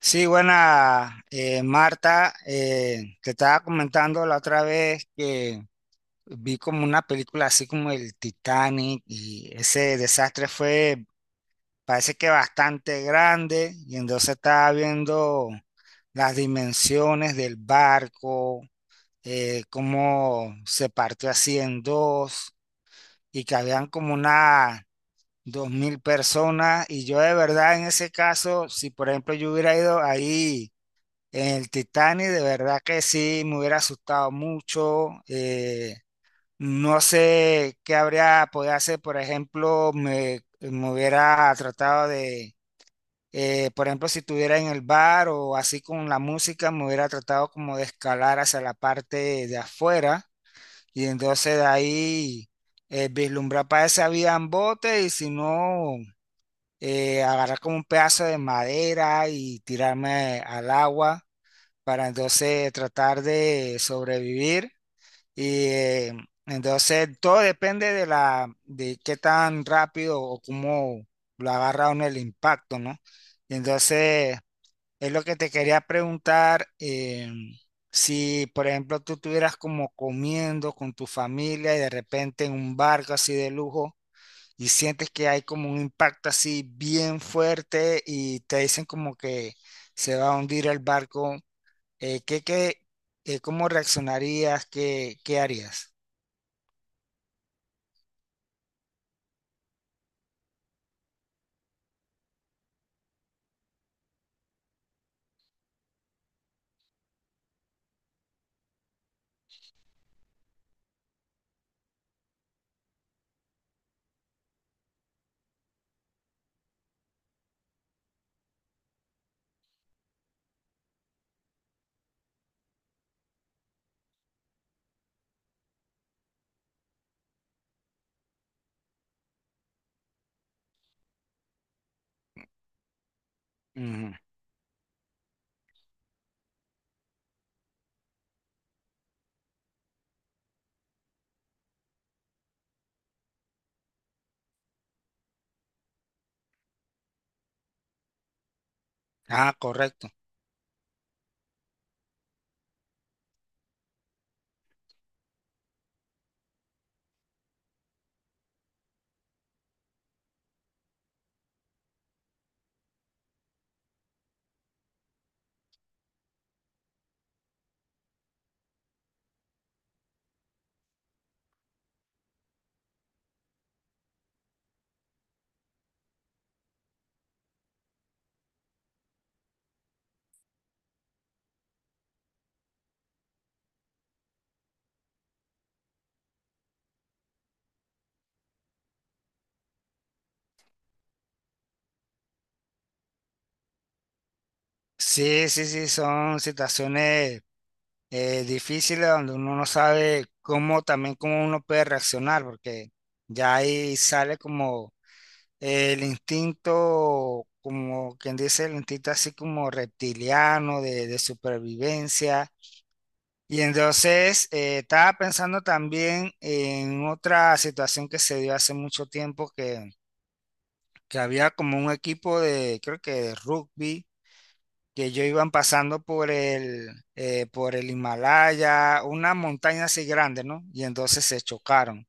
Sí, buena, Marta. Te estaba comentando la otra vez que vi como una película así como el Titanic y ese desastre fue, parece que bastante grande y entonces estaba viendo las dimensiones del barco, cómo se partió así en dos y que habían como unas 2000 y yo de verdad en ese caso, si por ejemplo yo hubiera ido ahí en el Titanic, de verdad que sí, me hubiera asustado mucho. No sé qué habría podido hacer, por ejemplo, me hubiera tratado de, por ejemplo, si estuviera en el bar o así con la música, me hubiera tratado como de escalar hacia la parte de afuera y entonces de ahí vislumbrar para esa vía en bote y si no, agarrar como un pedazo de madera y tirarme al agua para entonces tratar de sobrevivir. Y entonces todo depende de la, de qué tan rápido o cómo lo agarra uno el impacto, ¿no? Y entonces es lo que te quería preguntar, si por ejemplo tú estuvieras como comiendo con tu familia y de repente en un barco así de lujo y sientes que hay como un impacto así bien fuerte y te dicen como que se va a hundir el barco eh, ¿qué, qué, cómo reaccionarías? ¿Qué, qué harías? Ujú. Ah, correcto. Sí, sí, sí, son situaciones difíciles donde uno no sabe cómo también cómo uno puede reaccionar, porque ya ahí sale como el instinto, como quien dice, el instinto así como reptiliano de supervivencia. Y entonces estaba pensando también en otra situación que se dio hace mucho tiempo que había como un equipo de, creo que de rugby, que ellos iban pasando por el, por el Himalaya, una montaña así grande, ¿no? Y entonces se chocaron.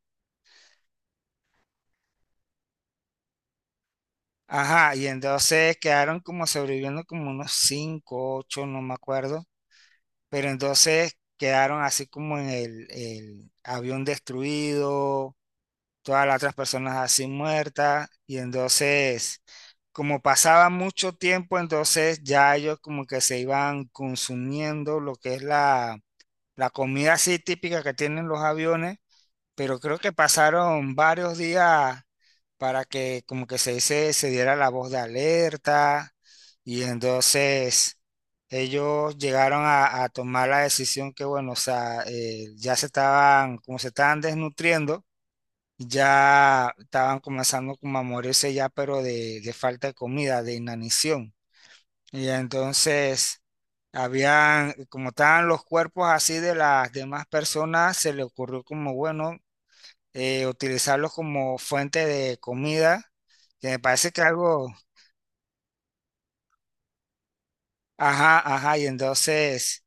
Ajá, y entonces quedaron como sobreviviendo como unos cinco, ocho, no me acuerdo, pero entonces quedaron así como en el avión destruido, todas las otras personas así muertas. Y entonces, como pasaba mucho tiempo, entonces ya ellos como que se iban consumiendo lo que es la comida así típica que tienen los aviones, pero creo que pasaron varios días para que como que se dice, se diera la voz de alerta y entonces ellos llegaron a tomar la decisión que bueno, o sea, ya se estaban, como se estaban desnutriendo, ya estaban comenzando como a morirse ya, pero de falta de comida, de inanición. Y entonces, habían, como estaban los cuerpos así de las demás personas, se le ocurrió como, bueno, utilizarlos como fuente de comida, que me parece que algo, ajá, ajá, y entonces...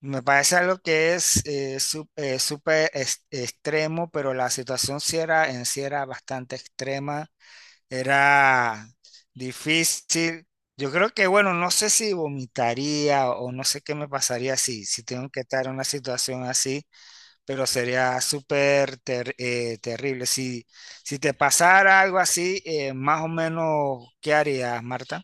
Me parece algo que es súper extremo, pero la situación sí era, en sí era bastante extrema. Era difícil. Yo creo que, bueno, no sé si vomitaría o no sé qué me pasaría si, si tengo que estar en una situación así, pero sería súper terrible. Si, si te pasara algo así, más o menos, ¿qué harías, Marta?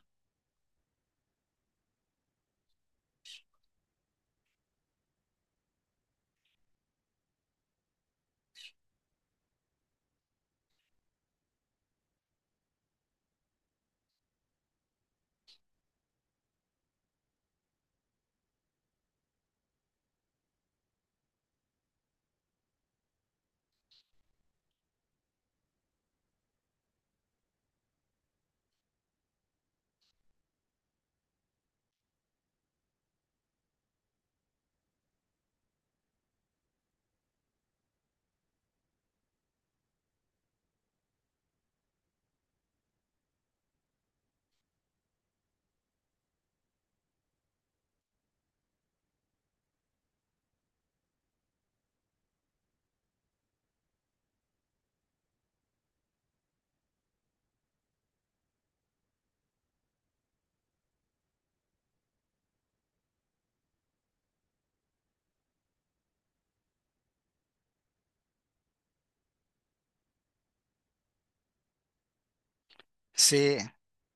Sí.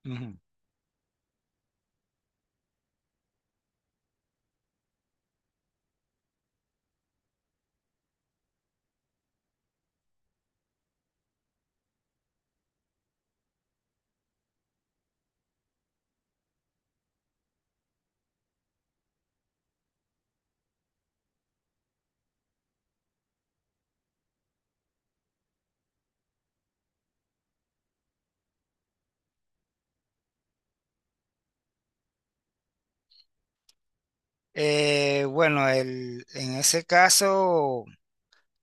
Ujú. Bueno, el, en ese caso,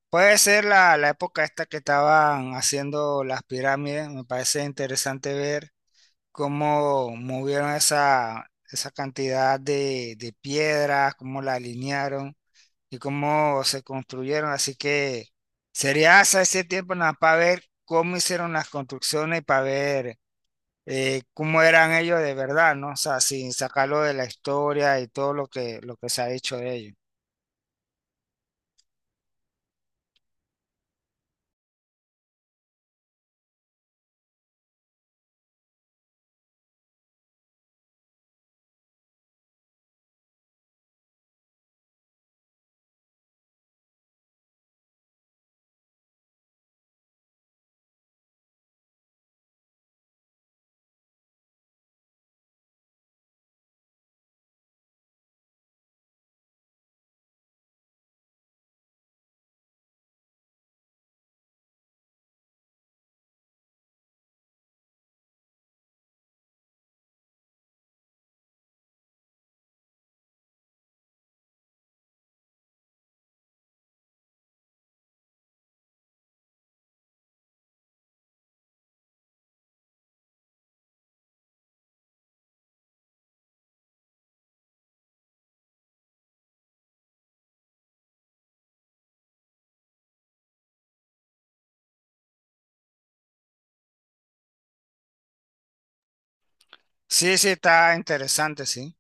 puede ser la época esta que estaban haciendo las pirámides. Me parece interesante ver cómo movieron esa, esa cantidad de piedras, cómo la alinearon y cómo se construyeron. Así que sería hasta ese tiempo nada para ver cómo hicieron las construcciones y para ver cómo eran ellos de verdad, ¿no? O sea, sin sacarlo de la historia y todo lo que se ha hecho de ellos. Sí, sí, está interesante, sí.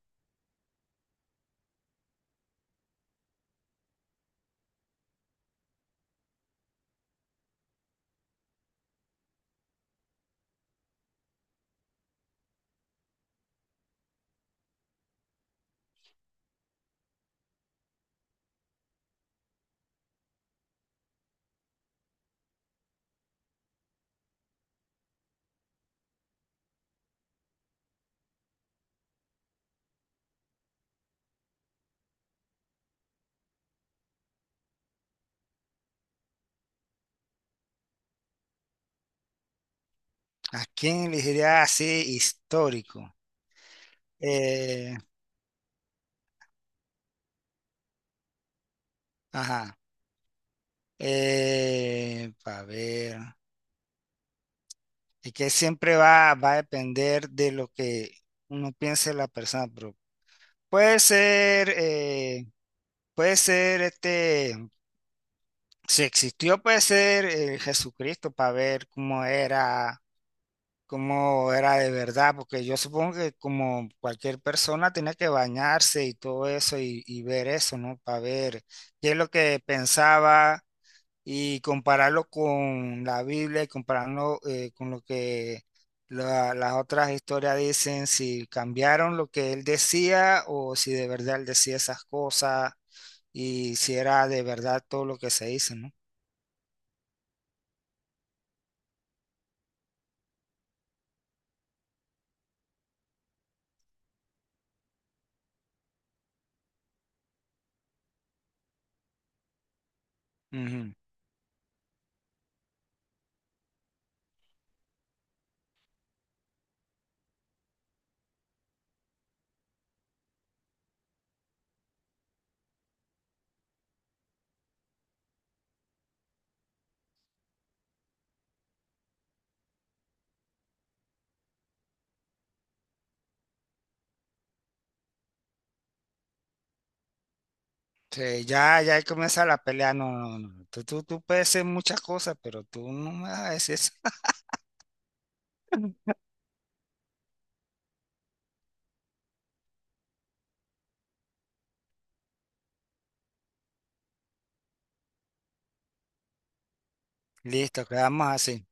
¿A quién elegiría así histórico? Eh, ajá. Para ver. Y que siempre va, va a depender de lo que uno piense la persona, pero puede ser, puede ser este, si existió, puede ser Jesucristo para ver cómo era de verdad, porque yo supongo que como cualquier persona tenía que bañarse y todo eso y ver eso, ¿no? Para ver qué es lo que pensaba y compararlo con la Biblia y compararlo con lo que las otras historias dicen, si cambiaron lo que él decía o si de verdad él decía esas cosas y si era de verdad todo lo que se dice, ¿no? Ujú. Sí, ya, ya ahí comienza la pelea. No, no, no, tú, tú puedes ser muchas cosas, pero tú no me vas a decir eso. Listo, quedamos así.